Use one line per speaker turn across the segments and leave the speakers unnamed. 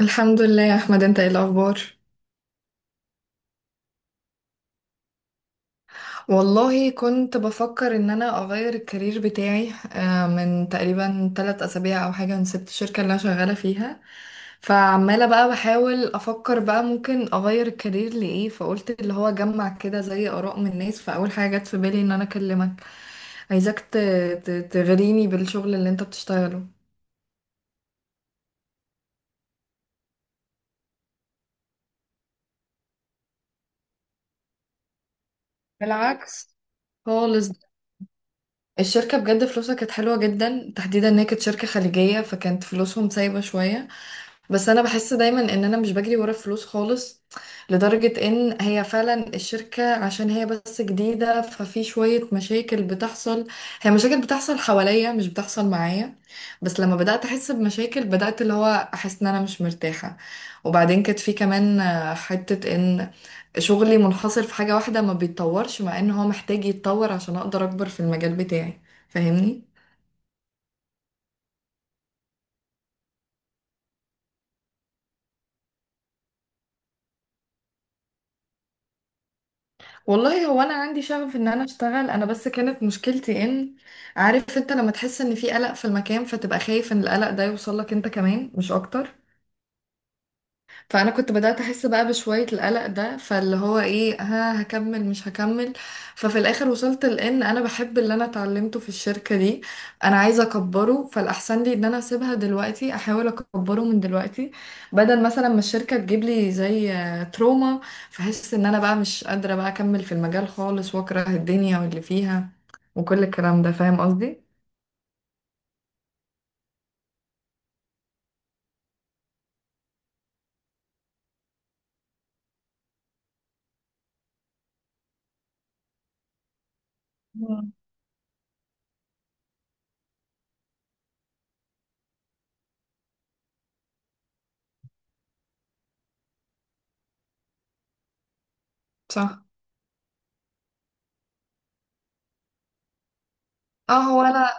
الحمد لله يا احمد، انت ايه الاخبار؟ والله كنت بفكر ان انا اغير الكارير بتاعي، من تقريبا 3 اسابيع او حاجه انا سبت الشركه اللي انا شغاله فيها. فعماله بقى بحاول افكر بقى ممكن اغير الكارير لايه، فقلت اللي هو جمع كده زي اراء من الناس، فاول حاجه جت في بالي ان انا اكلمك. عايزاك تغريني بالشغل اللي انت بتشتغله. بالعكس خالص. الشركة بجد فلوسها كانت حلوة جدا، تحديدا ان هي كانت شركة خليجية فكانت فلوسهم سايبة شوية. بس انا بحس دايما ان انا مش بجري ورا الفلوس خالص. لدرجة ان هي فعلا الشركة، عشان هي بس جديدة، ففي شوية مشاكل بتحصل. هي مشاكل بتحصل حواليا، مش بتحصل معايا. بس لما بدأت احس بمشاكل بدأت اللي هو احس ان انا مش مرتاحة. وبعدين كانت في كمان حتة ان شغلي منحصر في حاجة واحدة، ما بيتطورش، مع ان هو محتاج يتطور عشان اقدر اكبر في المجال بتاعي. فاهمني؟ والله هو انا عندي شغف ان انا اشتغل انا، بس كانت مشكلتي ان، عارف انت لما تحس ان في قلق في المكان فتبقى خايف ان القلق ده يوصل لك انت كمان، مش اكتر. فانا كنت بدات احس بقى بشويه القلق ده، فاللي هو ايه، ها هكمل مش هكمل. ففي الاخر وصلت لان انا بحب اللي انا اتعلمته في الشركه دي، انا عايزه اكبره، فالاحسن لي ان انا اسيبها دلوقتي احاول اكبره من دلوقتي، بدل مثلا ما الشركه تجيب لي زي تروما، فحس ان انا بقى مش قادره بقى اكمل في المجال خالص، واكره الدنيا واللي فيها وكل الكلام ده. فاهم قصدي؟ مم. صح. اه، هو انا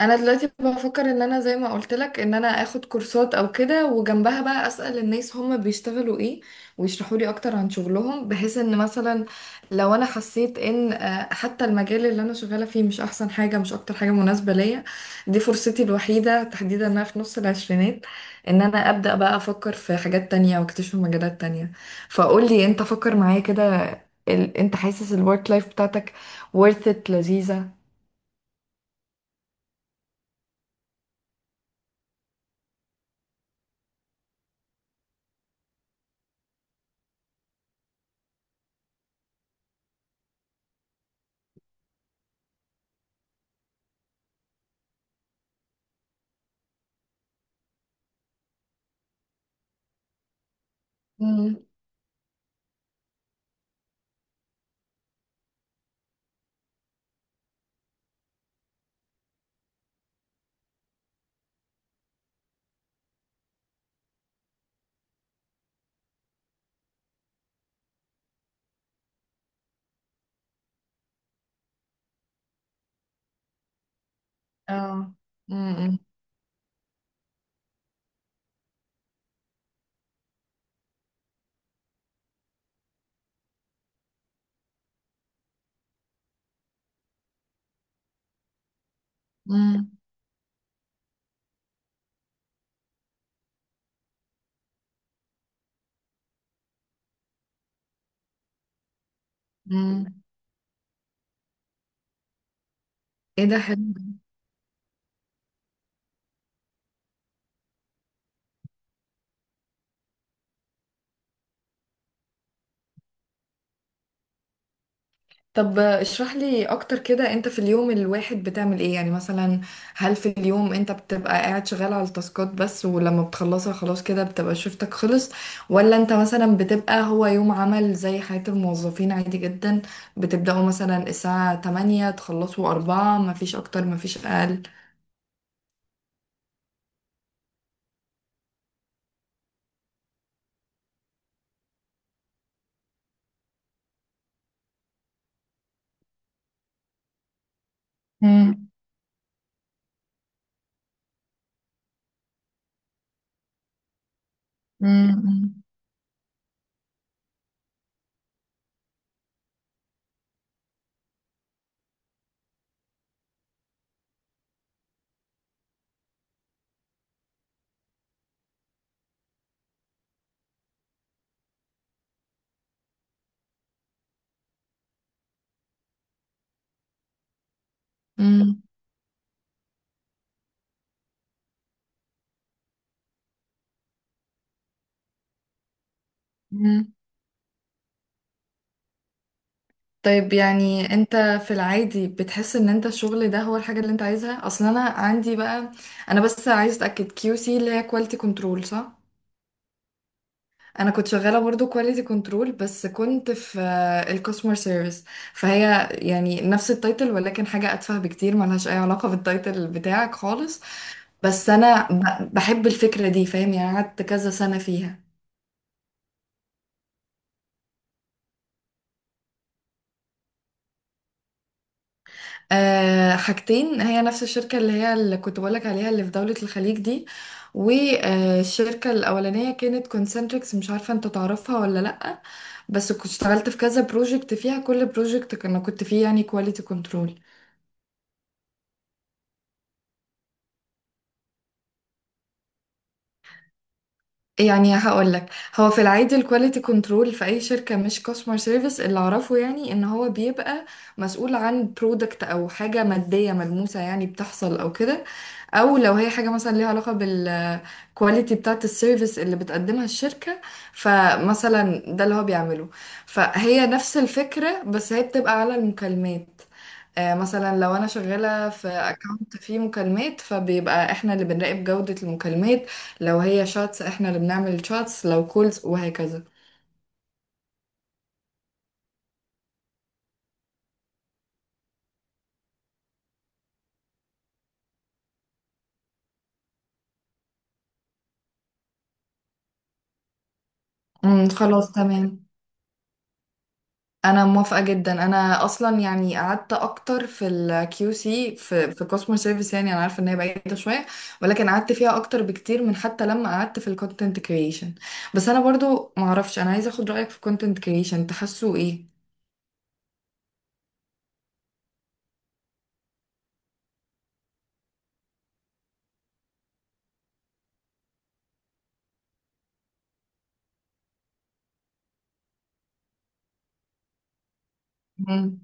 دلوقتي بفكر ان انا زي ما قلت لك، ان انا اخد كورسات او كده، وجنبها بقى اسال الناس هم بيشتغلوا ايه ويشرحوا لي اكتر عن شغلهم، بحيث ان مثلا لو انا حسيت ان حتى المجال اللي انا شغاله فيه مش احسن حاجه، مش اكتر حاجه مناسبه ليا. دي فرصتي الوحيده، تحديدا إن انا في نص العشرينات، ان انا ابدا بقى افكر في حاجات تانية واكتشف مجالات تانية. فقول لي انت، فكر معايا كده. انت حاسس الورك لايف بتاعتك worth it لذيذه؟ اه. امم. امم. امم. ايه ده حلو. طب اشرح لي اكتر كده، انت في اليوم الواحد بتعمل ايه، يعني مثلا هل في اليوم انت بتبقى قاعد شغال على التاسكات بس، ولما بتخلصها خلاص كده بتبقى شفتك خلص؟ ولا انت مثلا بتبقى هو يوم عمل زي حياة الموظفين عادي جدا، بتبدأوا مثلا الساعة 8 تخلصوا 4 مفيش اكتر مفيش اقل؟ امم. امم. امم. طيب يعني انت في العادي بتحس ان انت الشغل ده هو الحاجة اللي انت عايزها اصلا؟ انا عندي بقى، انا بس عايز اتاكد، كيو سي اللي هي كواليتي كنترول، صح؟ انا كنت شغالة برضو كواليتي كنترول، بس كنت في الكاستمر سيرفيس. فهي يعني نفس التايتل ولكن حاجة اتفه بكتير، ملهاش اي علاقة بالتايتل بتاعك خالص. بس انا بحب الفكرة دي، فاهم؟ يعني قعدت كذا سنة فيها. آه، حاجتين. هي نفس الشركة اللي هي اللي كنت بقولك عليها اللي في دولة الخليج دي. والشركة الأولانية كانت كونسنتريكس، مش عارفة انت تعرفها ولا لأ، بس كنت اشتغلت في كذا بروجكت فيها، كل بروجكت كنا كنت فيه يعني كواليتي كنترول. يعني هقول لك، هو في العادي الكواليتي كنترول في اي شركه مش كاستمر سيرفيس، اللي اعرفه يعني ان هو بيبقى مسؤول عن برودكت او حاجه ماديه ملموسه يعني بتحصل او كده، او لو هي حاجه مثلا ليها علاقه بالكواليتي بتاعه السيرفيس اللي بتقدمها الشركه، فمثلا ده اللي هو بيعمله. فهي نفس الفكره بس هي بتبقى على المكالمات. مثلا لو انا شغاله في اكونت فيه مكالمات فبيبقى احنا اللي بنراقب جوده المكالمات، لو هي شاتس احنا اللي بنعمل شاتس، لو كولز وهكذا. امم، خلاص تمام. انا موافقة جدا، انا اصلا يعني قعدت اكتر في الكيو سي في كاستمر سيرفيس، يعني انا عارفه ان هي بعيده شويه، ولكن قعدت فيها اكتر بكتير من حتى لما قعدت في الكونتنت كرييشن. بس انا برضو ما اعرفش، انا عايزه اخد رايك في الكونتنت كرييشن، تحسوا ايه؟ امم.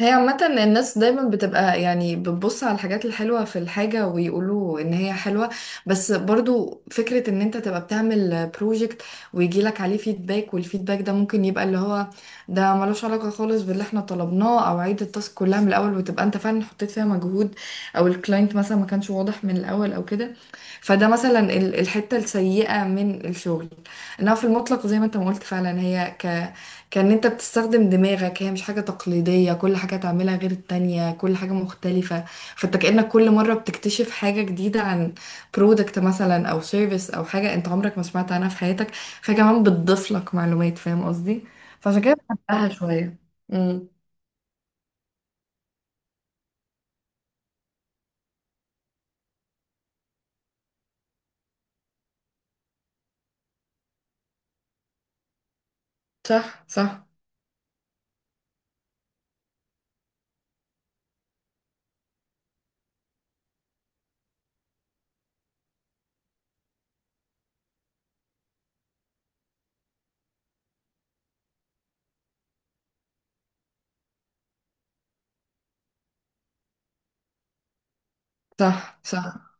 هي عامة الناس دايما بتبقى يعني بتبص على الحاجات الحلوة في الحاجة ويقولوا ان هي حلوة. بس برضو فكرة ان انت تبقى بتعمل بروجكت ويجيلك عليه فيدباك، والفيدباك ده ممكن يبقى اللي هو ده ملوش علاقة خالص باللي احنا طلبناه، او عيد التاسك كلها من الاول وتبقى انت فعلا حطيت فيها مجهود، او الكلاينت مثلا ما كانش واضح من الاول او كده. فده مثلا الحتة السيئة من الشغل. انها في المطلق زي ما انت ما قلت فعلا، هي كان انت بتستخدم دماغك، هي مش حاجة تقليدية، كل حاجة تعملها غير التانية، كل حاجة مختلفة. فانت كأنك كل مرة بتكتشف حاجة جديدة عن برودكت مثلا او سيرفيس او حاجة انت عمرك ما سمعت عنها في حياتك، فكمان بتضيف لك معلومات. فاهم قصدي؟ فعشان كده بحبها شوية. امم. صح، صح. صح، صح.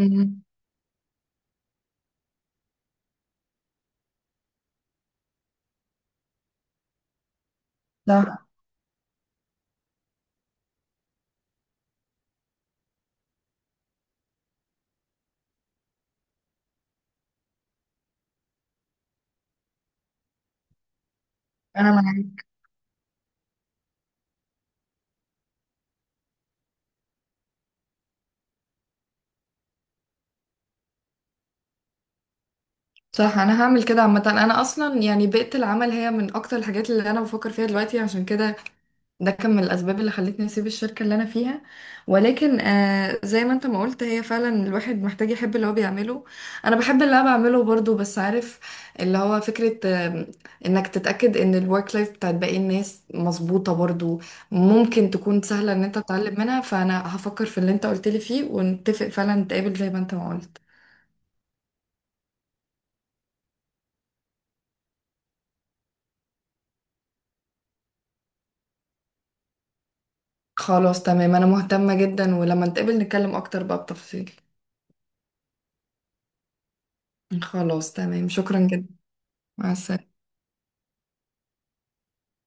امم. صح. انا معاك. صح، انا هعمل كده. عامة انا اصلا يعني بيئة العمل هي من اكتر الحاجات اللي انا بفكر فيها دلوقتي، عشان كده ده كان من الأسباب اللي خلتني أسيب الشركة اللي أنا فيها. ولكن آه، زي ما أنت ما قلت هي فعلا الواحد محتاج يحب اللي هو بيعمله. أنا بحب اللي أنا بعمله برضو، بس عارف، اللي هو فكرة آه، إنك تتأكد إن الورك لايف بتاعت باقي الناس مظبوطة برضو، ممكن تكون سهلة إن أنت تتعلم منها. فأنا هفكر في اللي أنت قلت لي فيه ونتفق فعلا نتقابل زي ما أنت ما قلت. خلاص تمام، أنا مهتمة جدا، ولما نتقابل نتكلم أكتر بقى بتفصيل. خلاص تمام، شكرا جدا. مع السلامة.